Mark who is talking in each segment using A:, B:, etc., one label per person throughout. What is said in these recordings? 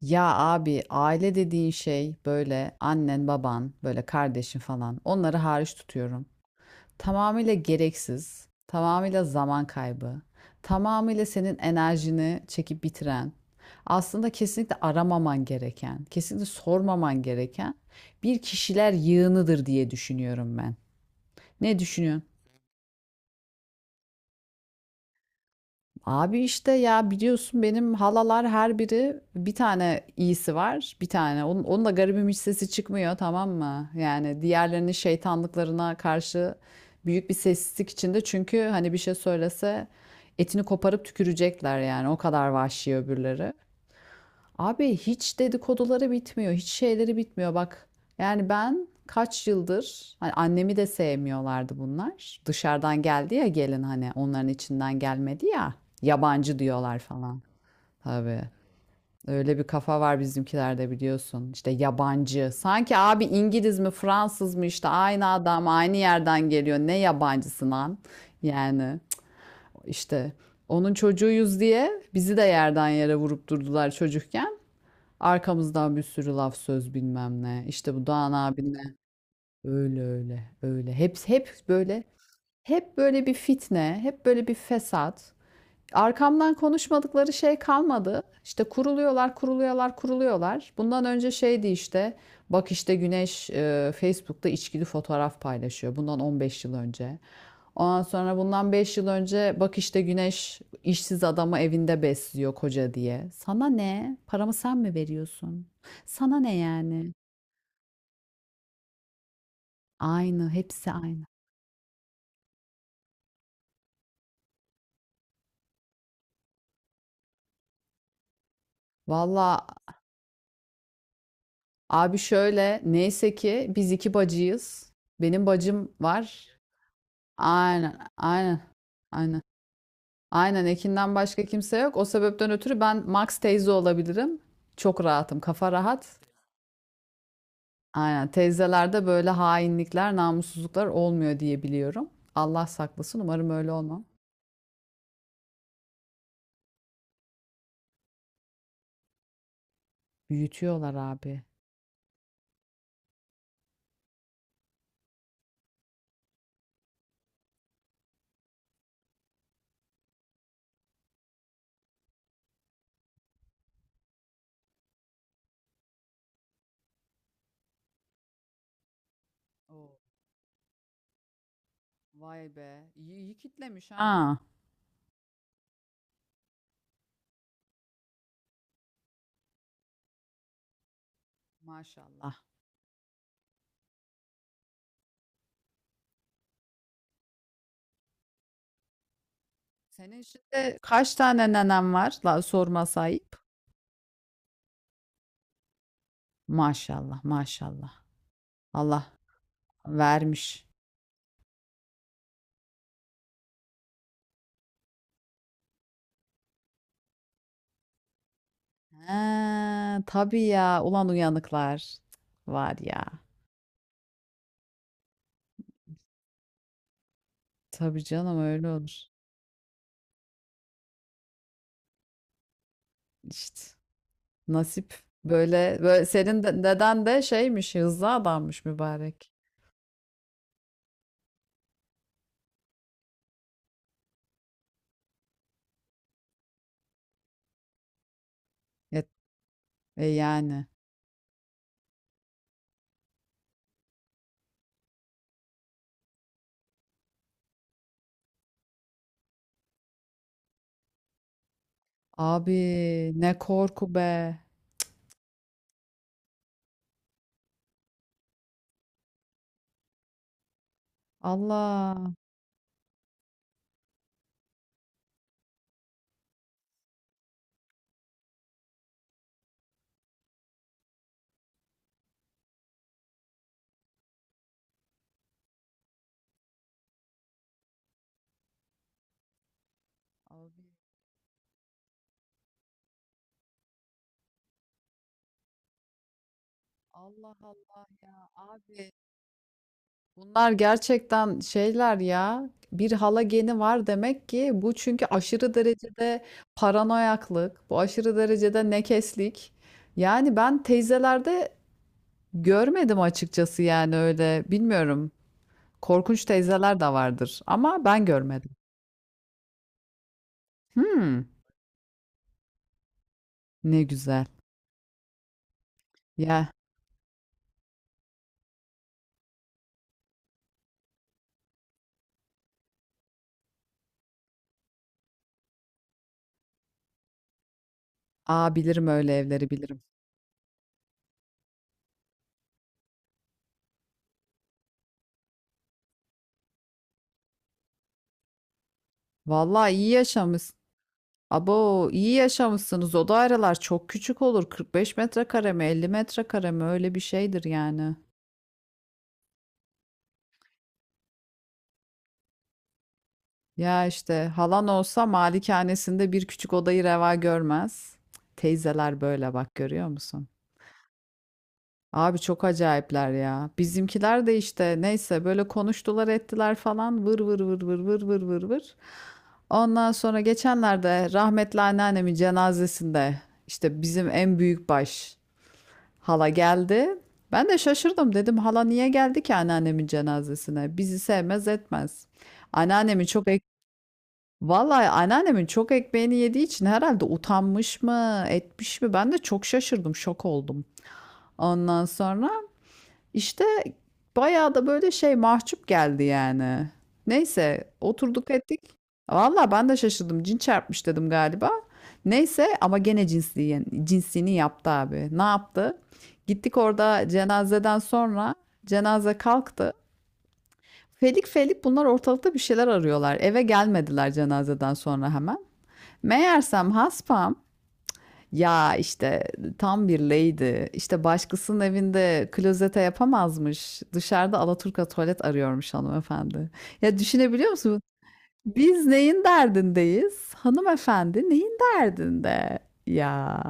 A: Ya abi aile dediğin şey böyle annen, baban, böyle kardeşin falan. Onları hariç tutuyorum. Tamamıyla gereksiz, tamamıyla zaman kaybı, tamamıyla senin enerjini çekip bitiren, aslında kesinlikle aramaman gereken, kesinlikle sormaman gereken bir kişiler yığınıdır diye düşünüyorum ben. Ne düşünüyorsun? Abi işte ya biliyorsun benim halalar her biri bir tane iyisi var. Bir tane. Onun da garibim hiç sesi çıkmıyor tamam mı? Yani diğerlerinin şeytanlıklarına karşı büyük bir sessizlik içinde. Çünkü hani bir şey söylese etini koparıp tükürecekler yani. O kadar vahşi öbürleri. Abi hiç dedikoduları bitmiyor, hiç şeyleri bitmiyor bak. Yani ben kaç yıldır hani annemi de sevmiyorlardı bunlar. Dışarıdan geldi ya gelin hani onların içinden gelmedi ya. Yabancı diyorlar falan. Tabii. Öyle bir kafa var bizimkilerde biliyorsun. İşte yabancı. Sanki abi İngiliz mi Fransız mı işte aynı adam aynı yerden geliyor. Ne yabancısı lan? Yani işte onun çocuğuyuz diye bizi de yerden yere vurup durdular çocukken. Arkamızdan bir sürü laf söz bilmem ne. İşte bu Doğan abinle öyle öyle öyle. Hep böyle hep böyle bir fitne, hep böyle bir fesat. Arkamdan konuşmadıkları şey kalmadı. İşte kuruluyorlar, kuruluyorlar, kuruluyorlar. Bundan önce şeydi işte bak işte Güneş Facebook'ta içkili fotoğraf paylaşıyor. Bundan 15 yıl önce. Ondan sonra bundan 5 yıl önce bak işte Güneş işsiz adamı evinde besliyor koca diye. Sana ne? Paramı sen mi veriyorsun? Sana ne yani? Aynı, hepsi aynı. Valla abi şöyle neyse ki biz iki bacıyız. Benim bacım var. Aynen, aynen, aynen. Aynen Ekin'den başka kimse yok. O sebepten ötürü ben Max teyze olabilirim. Çok rahatım, kafa rahat. Aynen teyzelerde böyle hainlikler, namussuzluklar olmuyor diye biliyorum. Allah saklasın umarım öyle olmam. Büyütüyorlar abi. Oo, vay be. İyi, iyi kitlemiş ha. Ha, maşallah. Senin şimdi kaç tane nenem var? La, sorma ayıp. Maşallah, maşallah. Allah vermiş. He, tabii ya. Ulan uyanıklar. Var ya. Tabii canım öyle olur. İşte. Nasip böyle böyle senin de, deden de şeymiş hızlı adammış mübarek. E, e yani. Abi ne korku be. Allah. Abi, Allah Allah ya abi. Bunlar gerçekten şeyler ya. Bir hala geni var demek ki bu çünkü aşırı derecede paranoyaklık, bu aşırı derecede nekeslik. Yani ben teyzelerde görmedim açıkçası yani öyle bilmiyorum. Korkunç teyzeler de vardır ama ben görmedim. Hmm, ne güzel. Ya, aa bilirim öyle evleri bilirim. Vallahi iyi yaşamış. Abo iyi yaşamışsınız. O daireler çok küçük olur. 45 metrekare mi, 50 metrekare mi öyle bir şeydir yani. Ya işte halan olsa malikanesinde bir küçük odayı reva görmez. Teyzeler böyle bak görüyor musun? Abi çok acayipler ya. Bizimkiler de işte neyse böyle konuştular ettiler falan vır vır vır vır vır vır vır vır. Ondan sonra geçenlerde rahmetli anneannemin cenazesinde işte bizim en büyük baş hala geldi. Ben de şaşırdım dedim hala niye geldi ki anneannemin cenazesine? Bizi sevmez etmez. Anneannemin çok ek Vallahi anneannemin çok ekmeğini yediği için herhalde utanmış mı, etmiş mi? Ben de çok şaşırdım, şok oldum. Ondan sonra işte bayağı da böyle şey mahcup geldi yani. Neyse oturduk ettik. Valla ben de şaşırdım. Cin çarpmış dedim galiba. Neyse ama gene cinsliği, cinsini yaptı abi. Ne yaptı? Gittik orada cenazeden sonra cenaze kalktı. Felik felik bunlar ortalıkta bir şeyler arıyorlar. Eve gelmediler cenazeden sonra hemen. Meğersem haspam ya işte tam bir lady. İşte başkasının evinde klozete yapamazmış. Dışarıda alaturka tuvalet arıyormuş hanımefendi. Ya düşünebiliyor musun? Biz neyin derdindeyiz? Hanımefendi neyin derdinde? Ya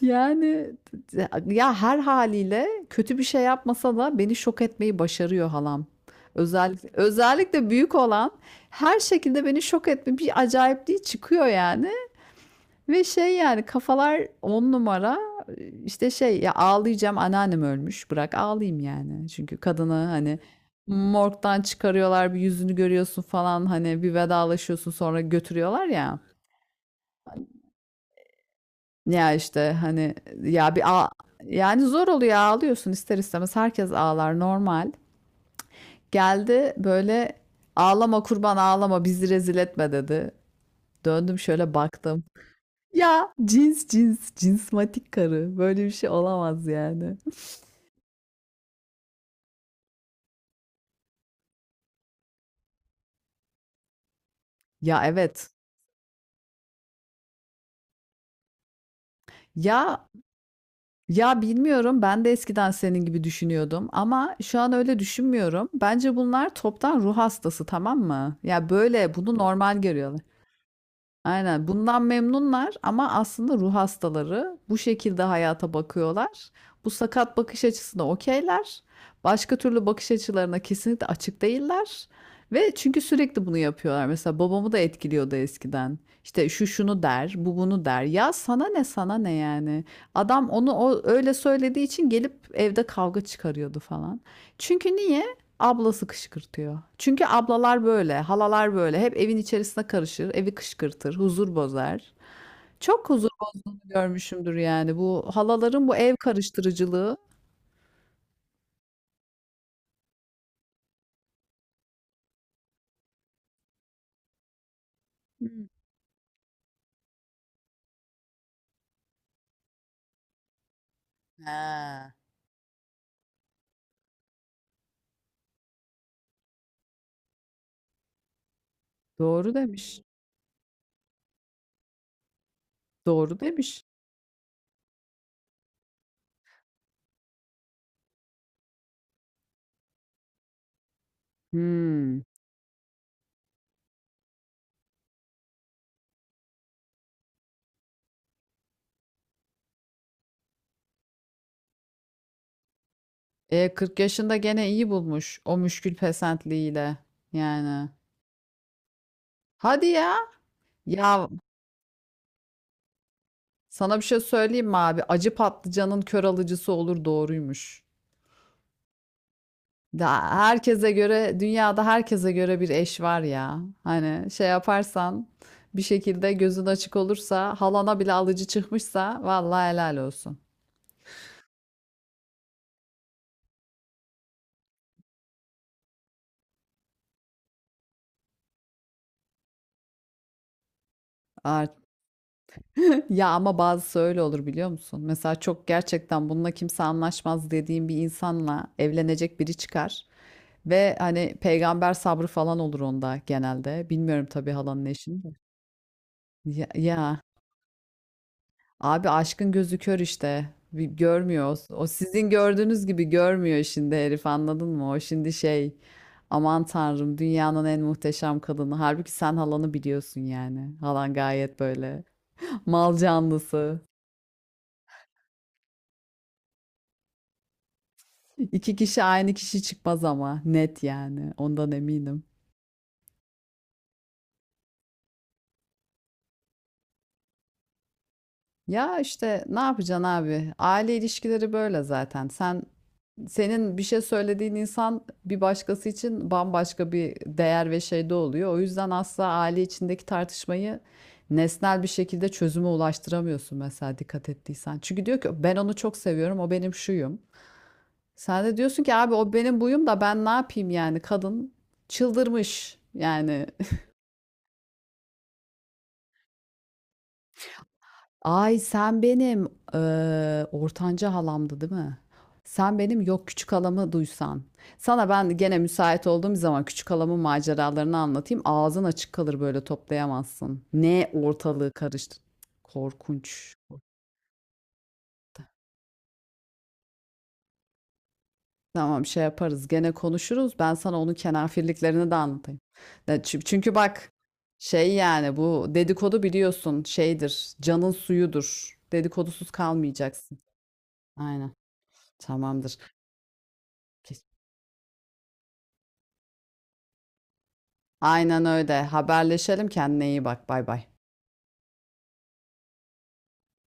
A: yani ya her haliyle kötü bir şey yapmasa da beni şok etmeyi başarıyor halam. Özellikle özellikle büyük olan her şekilde beni şok etme bir acayipliği çıkıyor yani. Ve şey yani kafalar on numara işte şey ya ağlayacağım anneannem ölmüş bırak ağlayayım yani. Çünkü kadını hani morgdan çıkarıyorlar bir yüzünü görüyorsun falan hani bir vedalaşıyorsun sonra götürüyorlar ya. Ya işte hani ya bir ağ- yani zor oluyor ağlıyorsun ister istemez herkes ağlar normal. Geldi böyle ağlama kurban ağlama bizi rezil etme dedi. Döndüm şöyle baktım. Ya cins cins cinsmatik karı böyle bir şey olamaz yani. Ya evet. Ya ya bilmiyorum ben de eskiden senin gibi düşünüyordum ama şu an öyle düşünmüyorum. Bence bunlar toptan ruh hastası tamam mı? Ya böyle bunu normal görüyorlar. Aynen bundan memnunlar ama aslında ruh hastaları bu şekilde hayata bakıyorlar. Bu sakat bakış açısına okeyler. Başka türlü bakış açılarına kesinlikle açık değiller. Ve çünkü sürekli bunu yapıyorlar. Mesela babamı da etkiliyordu eskiden. İşte şu şunu der, bu bunu der. Ya sana ne sana ne yani. Adam onu o, öyle söylediği için gelip evde kavga çıkarıyordu falan. Çünkü niye? Ablası kışkırtıyor. Çünkü ablalar böyle, halalar böyle. Hep evin içerisine karışır, evi kışkırtır, huzur bozar. Çok huzur bozu görmüşümdür yani. Bu halaların bu ev karıştırıcılığı. Hmm. Ha. Doğru demiş. Doğru demiş. Hmm. E 40 yaşında gene iyi bulmuş o müşkül pesentliğiyle. Yani. Hadi ya. Ya sana bir şey söyleyeyim mi abi? Acı patlıcanın kör alıcısı olur doğruymuş. Da herkese göre dünyada herkese göre bir eş var ya. Hani şey yaparsan bir şekilde gözün açık olursa halana bile alıcı çıkmışsa vallahi helal olsun. Art ya ama bazısı öyle olur biliyor musun? Mesela çok gerçekten bununla kimse anlaşmaz dediğim bir insanla evlenecek biri çıkar. Ve hani peygamber sabrı falan olur onda genelde. Bilmiyorum tabii halanın eşini de. Ya, ya abi aşkın gözü kör işte. Bir görmüyor. O sizin gördüğünüz gibi görmüyor şimdi herif anladın mı? O şimdi şey aman tanrım dünyanın en muhteşem kadını. Halbuki sen halanı biliyorsun yani. Halan gayet böyle mal canlısı. İki kişi aynı kişi çıkmaz ama net yani ondan eminim. Ya işte ne yapacaksın abi? Aile ilişkileri böyle zaten. Senin bir şey söylediğin insan bir başkası için bambaşka bir değer ve şeyde oluyor. O yüzden asla aile içindeki tartışmayı nesnel bir şekilde çözüme ulaştıramıyorsun mesela dikkat ettiysen. Çünkü diyor ki ben onu çok seviyorum, o benim şuyum. Sen de diyorsun ki abi o benim buyum da ben ne yapayım yani kadın çıldırmış yani. Ay sen benim ortanca halamdı değil mi? Sen benim yok küçük halamı duysan. Sana ben gene müsait olduğum zaman küçük halamın maceralarını anlatayım. Ağzın açık kalır böyle toplayamazsın. Ne ortalığı karıştı. Korkunç. Tamam şey yaparız gene konuşuruz. Ben sana onun kenafirliklerini de anlatayım. Ya Çünkü bak şey yani bu dedikodu biliyorsun şeydir. Canın suyudur. Dedikodusuz kalmayacaksın. Aynen. Tamamdır. Aynen öyle. Haberleşelim. Kendine iyi bak. Bay bay.